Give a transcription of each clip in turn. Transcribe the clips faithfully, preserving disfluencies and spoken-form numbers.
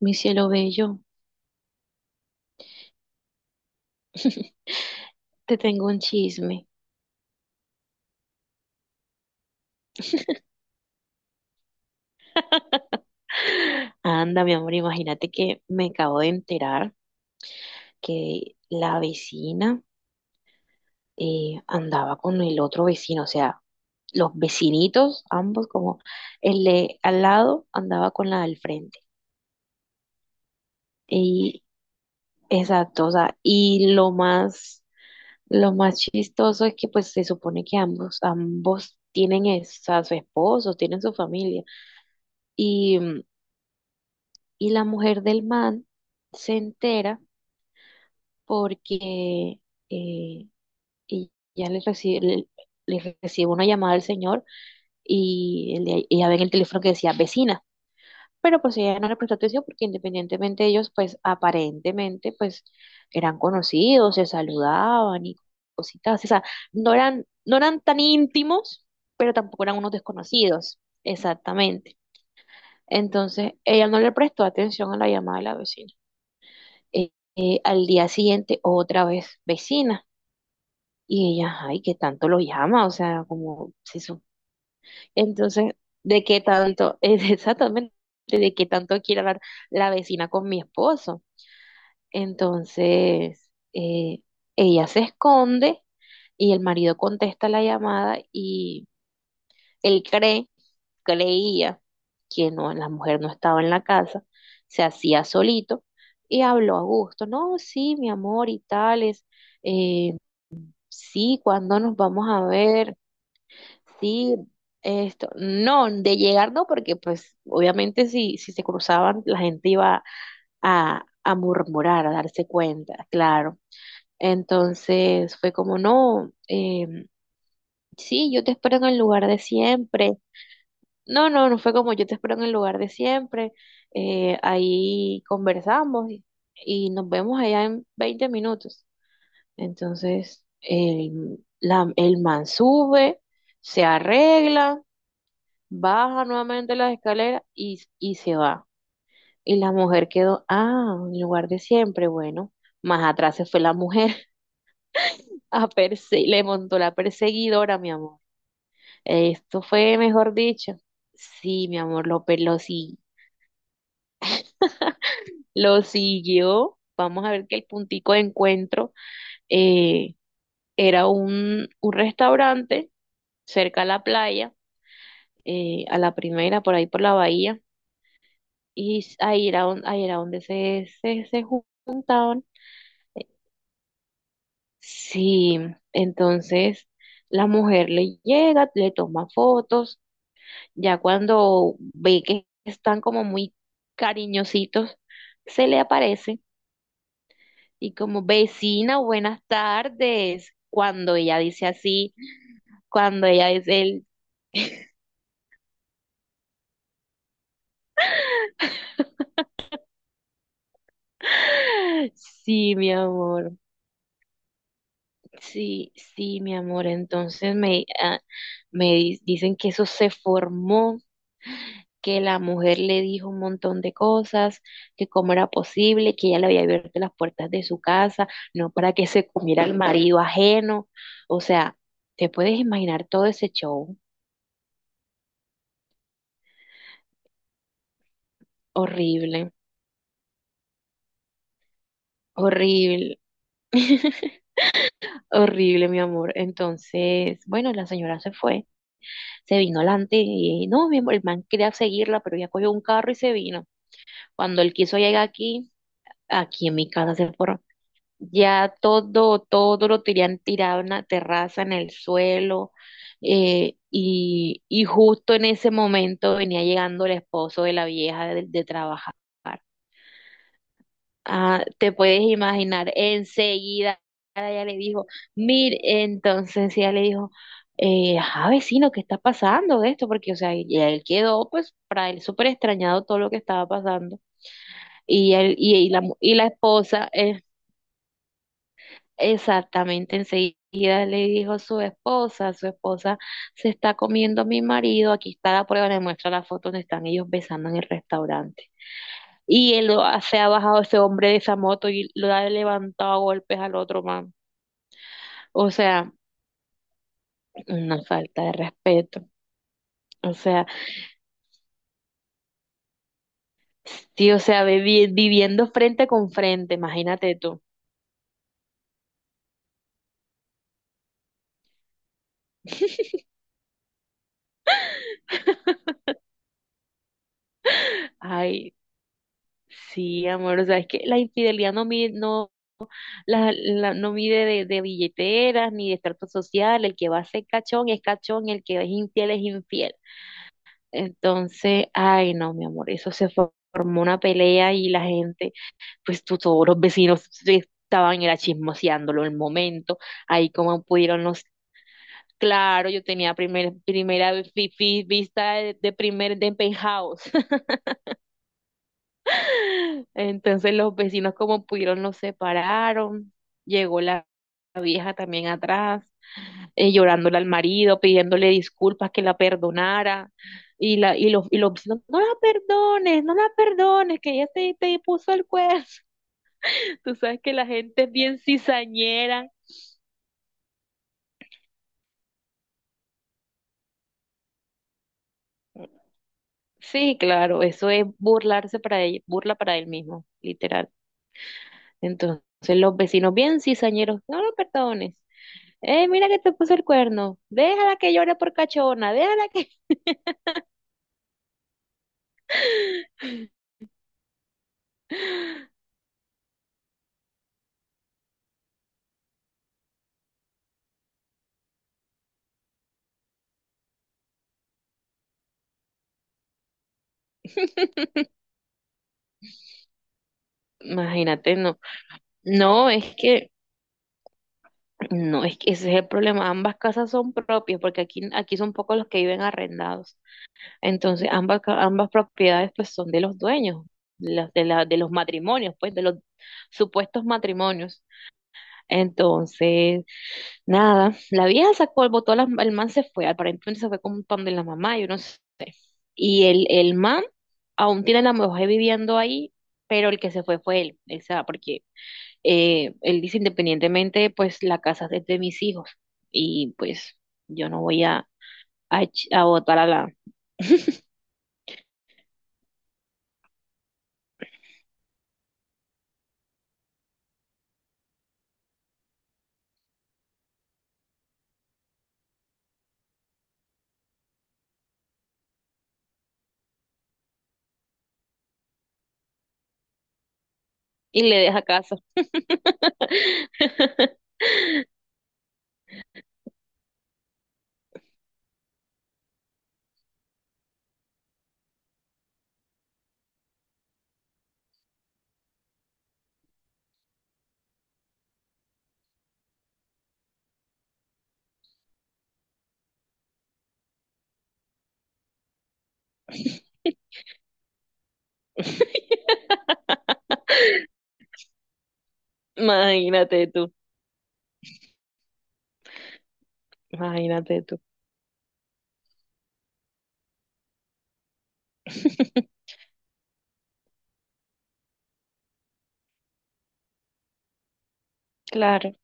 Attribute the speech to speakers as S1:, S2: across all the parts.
S1: Mi cielo bello, te tengo un chisme. Anda, mi amor, imagínate que me acabo de enterar que la vecina eh, andaba con el otro vecino. O sea, los vecinitos, ambos como el de al lado andaba con la del frente. Y exacto, o sea, y lo más, lo más chistoso es que pues se supone que ambos, ambos tienen es- a su esposo, tienen su familia. Y la mujer del man se entera porque eh, ella le recibe, le, le recibe una llamada del señor y el- ella ve en el teléfono que decía vecina. Pero pues ella no le prestó atención porque, independientemente de ellos, pues aparentemente pues eran conocidos, se saludaban y cositas así. O sea, no eran, no eran tan íntimos, pero tampoco eran unos desconocidos. Exactamente. Entonces, ella no le prestó atención a la llamada de la vecina. Eh, eh, al día siguiente, otra vez vecina. Y ella, ay, que tanto lo llama, o sea, como si su- entonces, ¿de qué tanto? Es exactamente, ¿de qué tanto quiere hablar la vecina con mi esposo? Entonces, eh, ella se esconde y el marido contesta la llamada y él cree, creía que no, la mujer no estaba en la casa, se hacía solito y habló a gusto. No, sí, mi amor y tales, eh, sí, ¿cuándo nos vamos a ver? Sí, esto. No, de llegar no, porque pues obviamente si, si se cruzaban la gente iba a, a murmurar, a darse cuenta, claro. Entonces fue como, no, em, sí, yo te espero en el lugar de siempre. No, no, no fue como yo te espero en el lugar de siempre. Eh, ahí conversamos y, y nos vemos allá en veinte minutos. Entonces, el, la- el man sube, se arregla, baja nuevamente las escaleras y, y se va. Y la mujer quedó, ah, en el lugar de siempre, bueno. Más atrás se fue la mujer a perse- le montó la perseguidora, mi amor. Esto fue, mejor dicho. Sí, mi amor, lo, pe- lo, si- lo siguió. Vamos a ver que el puntico de encuentro eh, era un, un restaurante cerca a la playa, eh, a la primera, por ahí por la bahía, y ahí era, on- ahí era donde se, se, se juntaban. Sí, entonces la mujer le llega, le toma fotos, ya cuando ve que están como muy cariñositos, se le aparece y como vecina, buenas tardes. Cuando ella dice así, cuando ella dice el, sí, mi amor. Sí, sí, mi amor. Entonces me, ah, me di- dicen que eso se formó, que la mujer le dijo un montón de cosas, que cómo era posible, que ella le había abierto las puertas de su casa, no para que se comiera al marido ajeno. O sea, te puedes imaginar todo ese show. Horrible, horrible, horrible, mi amor. Entonces, bueno, la señora se fue, se vino adelante y no, mi amor, el man quería seguirla, pero ella cogió un carro y se vino. Cuando él quiso llegar aquí, aquí en mi casa se fueron. Ya todo, todo lo tenían tirado en la terraza, en el suelo. Eh, y, y justo en ese momento venía llegando el esposo de la vieja de, de trabajar. Ah, te puedes imaginar, enseguida ella le dijo, mire. Entonces ella le dijo, eh, ajá, vecino, ¿qué está pasando de esto? Porque, o sea, y él quedó, pues, para él súper extrañado todo lo que estaba pasando. Y, él, y, y la, mu- y la esposa, eh, exactamente enseguida le dijo a su esposa, su esposa se está comiendo a mi marido, aquí está la prueba, le muestra la foto donde están ellos besando en el restaurante. Y él lo, ha- se ha bajado ese hombre de esa moto y lo ha levantado a golpes al otro man. O sea, una falta de respeto. O sea, sí, o sea, vivi- viviendo frente con frente, imagínate tú. Ay, sí, amor, o sea, es que la infidelidad no mide, no. La, la- no mide de, de billeteras ni de estrato social. El que va a ser cachón es cachón, el que es infiel es infiel. Entonces, ay, no, mi amor, eso se fo- formó una pelea, y la gente, pues tú, todos los vecinos se estaban era chismoseándolo el momento. Ahí como pudieron los. Claro, yo tenía primer, primera vi- vi- vista de, de primer de penthouse. Entonces los vecinos como pudieron los separaron. Llegó la la vieja también atrás, eh, llorándole al marido, pidiéndole disculpas, que la perdonara. Y la, y los, y los, No, no la perdones, no la perdones, que ella te, te puso el cuerno. Tú sabes que la gente es bien cizañera. Sí, claro, eso es burlarse para él, burla para él mismo, literal. Entonces los vecinos bien cizañeros, no lo perdones. Eh, mira que te puso el cuerno. Déjala que llore por cachona, déjala que. Imagínate, no. No, es que No, es que ese es el problema. Ambas casas son propias porque aquí, aquí son pocos los que viven arrendados. Entonces, ambas, ca- ambas propiedades pues son de los dueños, las de, la, de los matrimonios, pues de los supuestos matrimonios. Entonces, nada, la vieja sacó, botó las- el man se fue, aparentemente se fue con un pan de la mamá, yo no sé. Y el, el man aún tiene la mujer viviendo ahí, pero el que se fue fue él, o sea, porque eh, él dice independientemente, pues la casa es de mis hijos, y pues yo no voy a, a, ech- a botar a la... Y le deja casa. Imagínate tú, imagínate tú. Claro.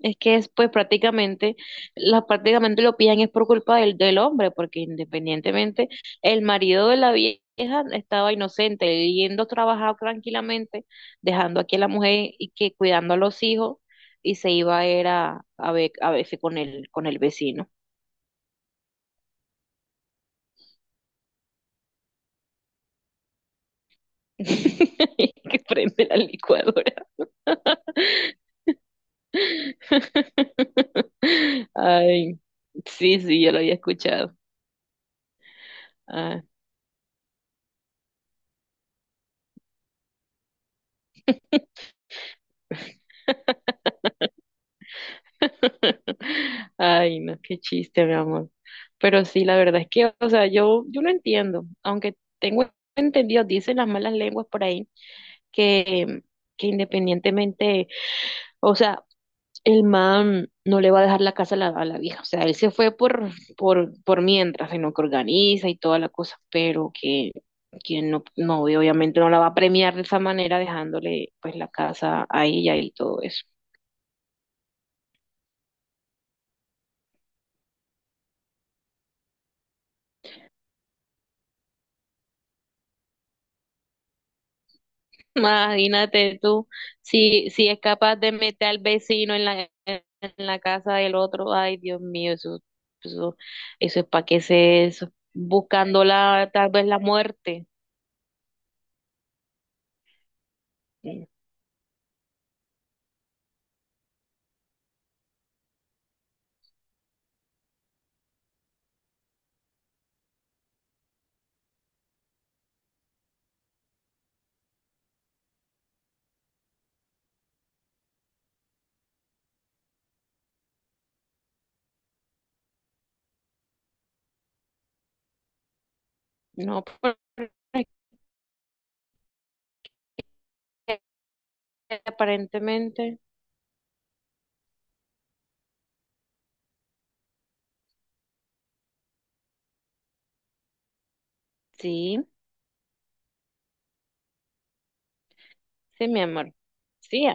S1: Es que es pues prácticamente, la, prácticamente lo pillan es por culpa del, del hombre, porque independientemente el marido de la vieja estaba inocente, yendo a trabajar tranquilamente, dejando aquí a la mujer y que cuidando a los hijos, y se iba a ir a, a, ver, a verse con el, con el vecino. Que prende la licuadora. Ay, sí, sí, yo lo había escuchado. Ah. Ay, no, qué chiste, mi amor. Pero sí, la verdad es que, o sea, yo, yo no entiendo, aunque tengo entendido, dicen las malas lenguas por ahí, que, que independientemente, o sea, el man no le va a dejar la casa a la, a la vieja, o sea, él se fue por, por, por mientras, sino que organiza y toda la cosa, pero que, que no, no, y obviamente no la va a premiar de esa manera dejándole pues la casa a ella y todo eso. Imagínate tú, si, si es capaz de meter al vecino en la, en la casa del otro, ay Dios mío, eso, eso, eso es para qué se eso, buscando la, tal vez la muerte. Mm. No, pero es que aparentemente, sí, sí, mi amor. Sí,